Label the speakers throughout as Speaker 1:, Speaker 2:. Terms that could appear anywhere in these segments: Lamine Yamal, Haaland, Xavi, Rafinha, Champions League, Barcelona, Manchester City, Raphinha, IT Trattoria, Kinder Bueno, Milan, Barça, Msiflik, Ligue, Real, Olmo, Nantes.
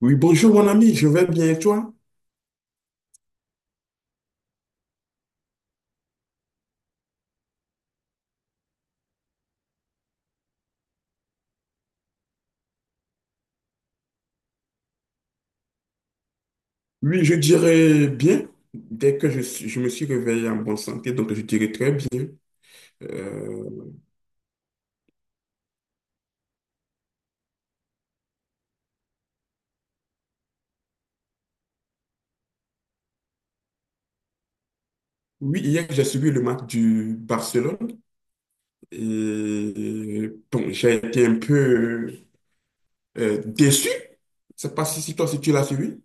Speaker 1: Oui, bonjour mon ami, je vais bien et toi? Oui, je dirais bien. Dès que je me suis réveillé en bonne santé, donc je dirais très bien. Euh, oui, hier, j'ai suivi le match du Barcelone et bon, j'ai été un peu déçu. Je sais pas si, si toi, si tu l'as suivi.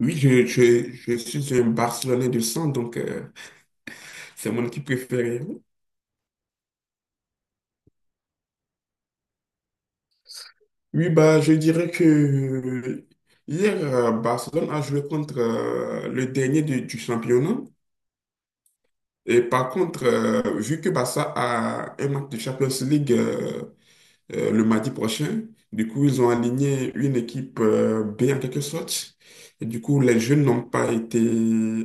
Speaker 1: Oui, je suis un Barcelonais de sang, donc c'est mon équipe préférée. Oui, bah, je dirais que hier, Barcelone a joué contre le dernier du championnat. Et par contre, vu que Barça a un match de Champions League le mardi prochain, du coup, ils ont aligné une équipe B en quelque sorte. Et du coup, les jeunes n'ont pas été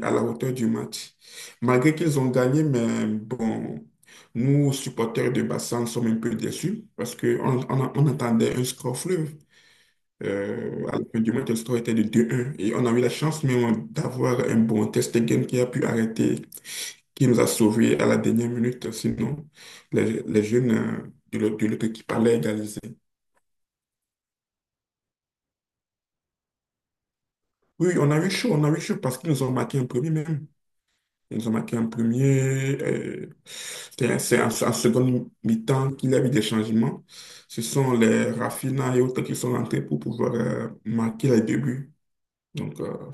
Speaker 1: à la hauteur du match. Malgré qu'ils ont gagné, mais bon, nous, supporters de Barça, nous sommes un peu déçus parce qu'on attendait un score fleuve. Alors que du moins, que le score était de 2-1. Et on a eu la chance même d'avoir un bon test game qui a pu arrêter, qui nous a sauvés à la dernière minute. Sinon, les jeunes de l'autre équipe allaient égaliser. Oui, oui, on a eu chaud, on a eu chaud parce qu'ils nous ont marqué en premier même. Ils nous ont marqué en premier. C'est en, en seconde mi-temps qu'il y a eu des changements. Ce sont les Rafinha et autres qui sont rentrés pour pouvoir marquer les deux buts. Donc, euh,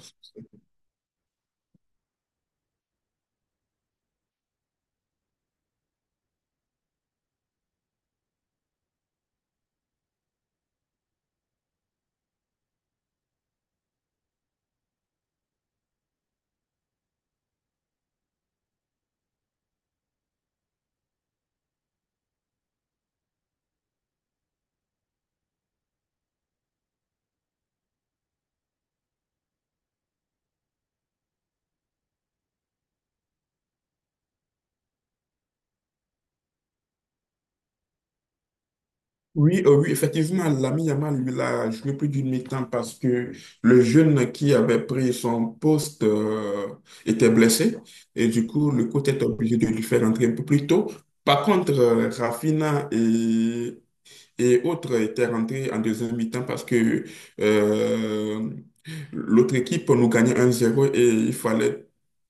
Speaker 1: Oui, oui, effectivement, l'ami Yamal, lui, l'a joué plus d'une mi-temps parce que le jeune qui avait pris son poste était blessé et du coup, le coach est obligé de lui faire rentrer un peu plus tôt. Par contre, Raphinha et autres étaient rentrés en deuxième mi-temps parce que euh, l'autre équipe nous gagnait un zéro et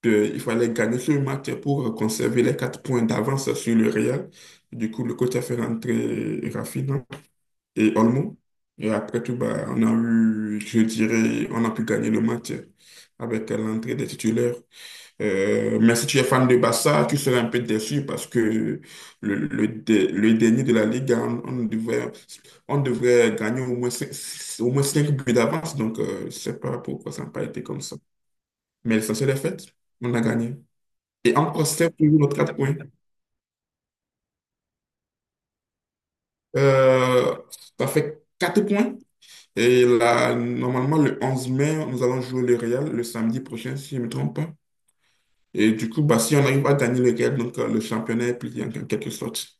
Speaker 1: il fallait gagner ce match pour conserver les 4 points d'avance sur le Real. Du coup, le coach a fait rentrer Raphinha et Olmo. Et après tout, bah, on a eu, je dirais, on a pu gagner le match avec l'entrée des titulaires. Mais si tu es fan de Barça, tu serais un peu déçu parce que le dernier de la Ligue, on devrait gagner au moins 5, au moins cinq buts d'avance. Donc, je sais pas pourquoi ça n'a pas été comme ça. Mais l'essentiel est fait, on a gagné. Et encore 7 toujours nos 4 points. Euh, Ça fait 4 points. Et là, normalement, le 11 mai, nous allons jouer le Real le samedi prochain, si je ne me trompe pas. Et du coup, bah, si on arrive à gagner le Real, donc le championnat est plié en en quelque sorte.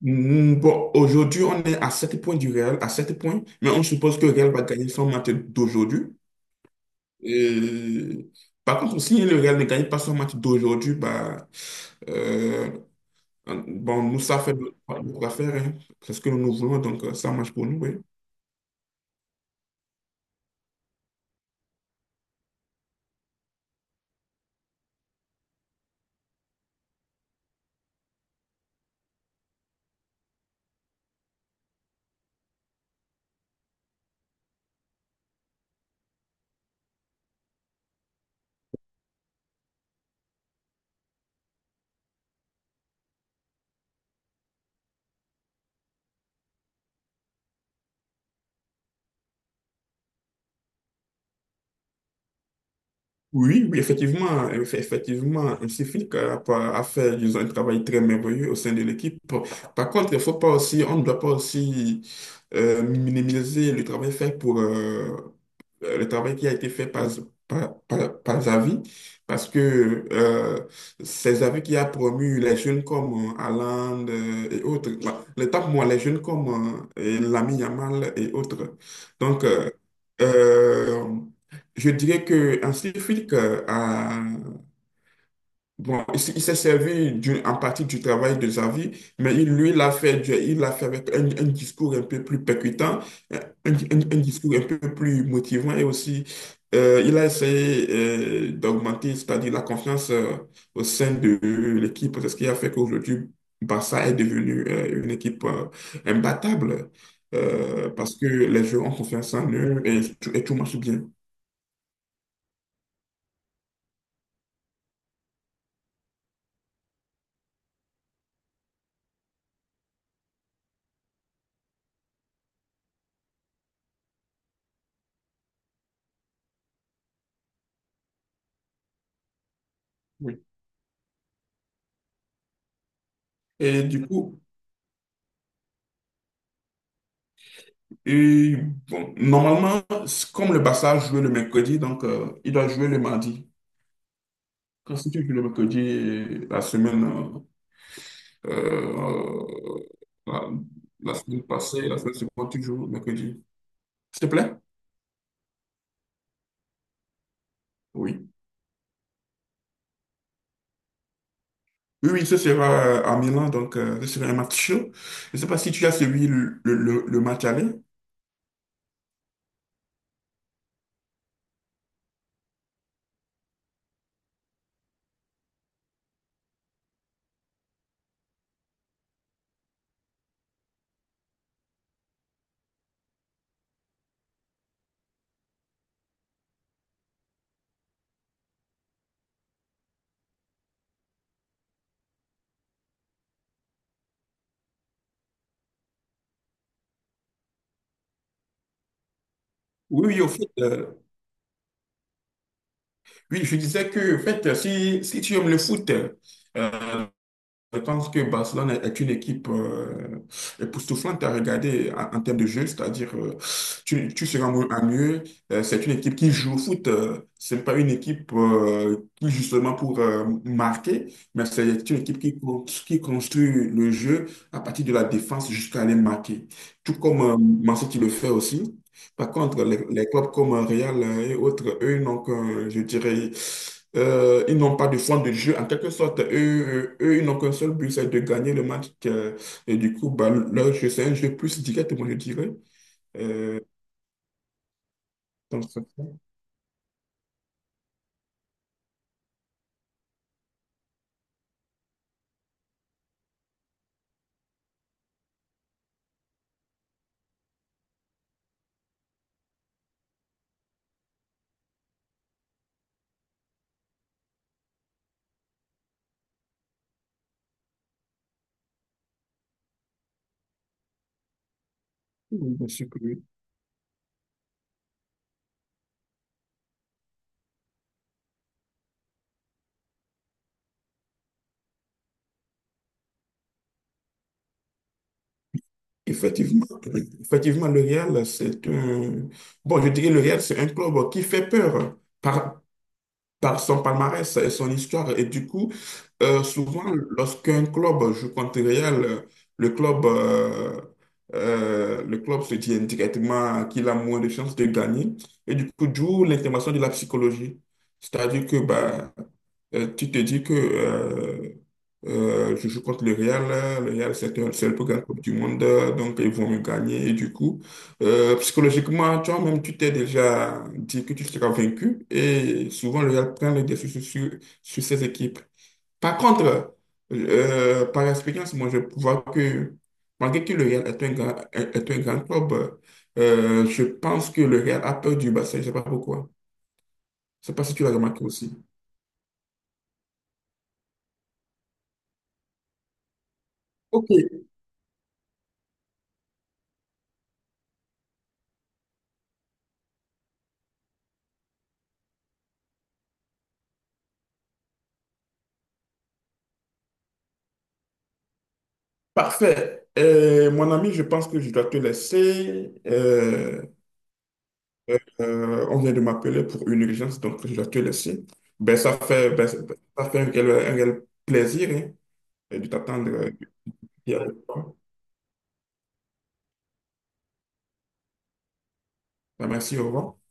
Speaker 1: Mm, bon, aujourd'hui, on est à 7 points du Real, à 7 points, mais on suppose que le Real va gagner son match d'aujourd'hui. Et par contre, si le Real ne gagne pas son match d'aujourd'hui, bah, euh, bon, nous, ça fait notre notre affaire, hein. C'est ce que nous voulons, donc ça marche pour nous, oui. Oui, oui, effectivement, Msiflik a, pas- a fait, disons, un travail très merveilleux au sein de l'équipe. Par contre, il faut pas aussi, on ne doit pas aussi minimiser le travail fait pour le travail qui a été fait par Xavi, parce que c'est Xavi qui a promu les jeunes comme Haaland et autres. Bah, le tape, moi, les jeunes comme et Lamine Yamal et autres. Donc, euh, euh, je dirais que en Afrique. Bon, il s'est servi en partie du travail de Xavi, mais il, lui, il l'a fait avec un discours un peu plus percutant, un, un discours un peu plus motivant et aussi, il a essayé d'augmenter, c'est-à-dire la confiance au sein de l'équipe, c'est ce qui a fait qu'aujourd'hui, Barça est devenu une équipe imbattable parce que les joueurs ont confiance en eux et tout marche bien. Oui. Et du coup, et bon, normalement, c'est comme le Barça joue le mercredi, donc il doit jouer le mardi. Quand si tu joues le mercredi, euh, la, la semaine passée, la semaine suivante, tu joues le mercredi. S'il te plaît? Oui. Oui, oui, ce sera à Milan, donc ce sera un match chaud. Je ne sais pas si tu as suivi le match aller. Oui, oui, au fait, oui, je disais que, en fait, si, si tu aimes le foot, euh, je pense que Barcelone est une équipe époustouflante à regarder en, en termes de jeu, c'est-à-dire tu seras mieux, à mieux. C'est une équipe qui joue au foot. C'est pas une équipe qui justement pour marquer, mais c'est une équipe qui construit le jeu à partir de la défense jusqu'à les marquer. Tout comme Manchester City le fait aussi. Par contre, les clubs comme Real et autres, eux, donc, je dirais, ils n'ont pas de fond de jeu. En quelque sorte, eux, ils n'ont qu'un seul but, c'est de gagner le match. Et du coup, bah, leur jeu, c'est un jeu plus direct, moi, je dirais. Euh, Dans ce sens, oui, bien sûr que oui. Effectivement, effectivement, le Real, c'est un... Bon, je dirais le Real, c'est un club qui fait peur. Par, par son palmarès et son histoire. Et du coup, souvent, lorsqu'un club joue contre Real, le club, euh, le club se dit indirectement qu'il a moins de chances de gagner. Et du coup, d'où l'intervention de la psychologie. C'est-à-dire que bah, tu te dis que je joue contre le Real. Le Real, c'est le plus grand club du monde, donc ils vont me gagner. Et du coup, psychologiquement, toi-même, tu t'es déjà dit que tu seras vaincu. Et souvent, le Real prend le dessus sur ses équipes. Par contre, par expérience, moi, je vois que malgré que le Real est un grand, est un grand club, je pense que le Real a peur du bassin. Je ne sais pas pourquoi. Je ne sais pas si tu l'as remarqué aussi. Ok, parfait. Mon ami, je pense que je dois te laisser. On vient de m'appeler pour une urgence, donc je dois te laisser. Ben, ça fait un réel plaisir hein, de t'attendre. Ici avec ben, merci, au revoir.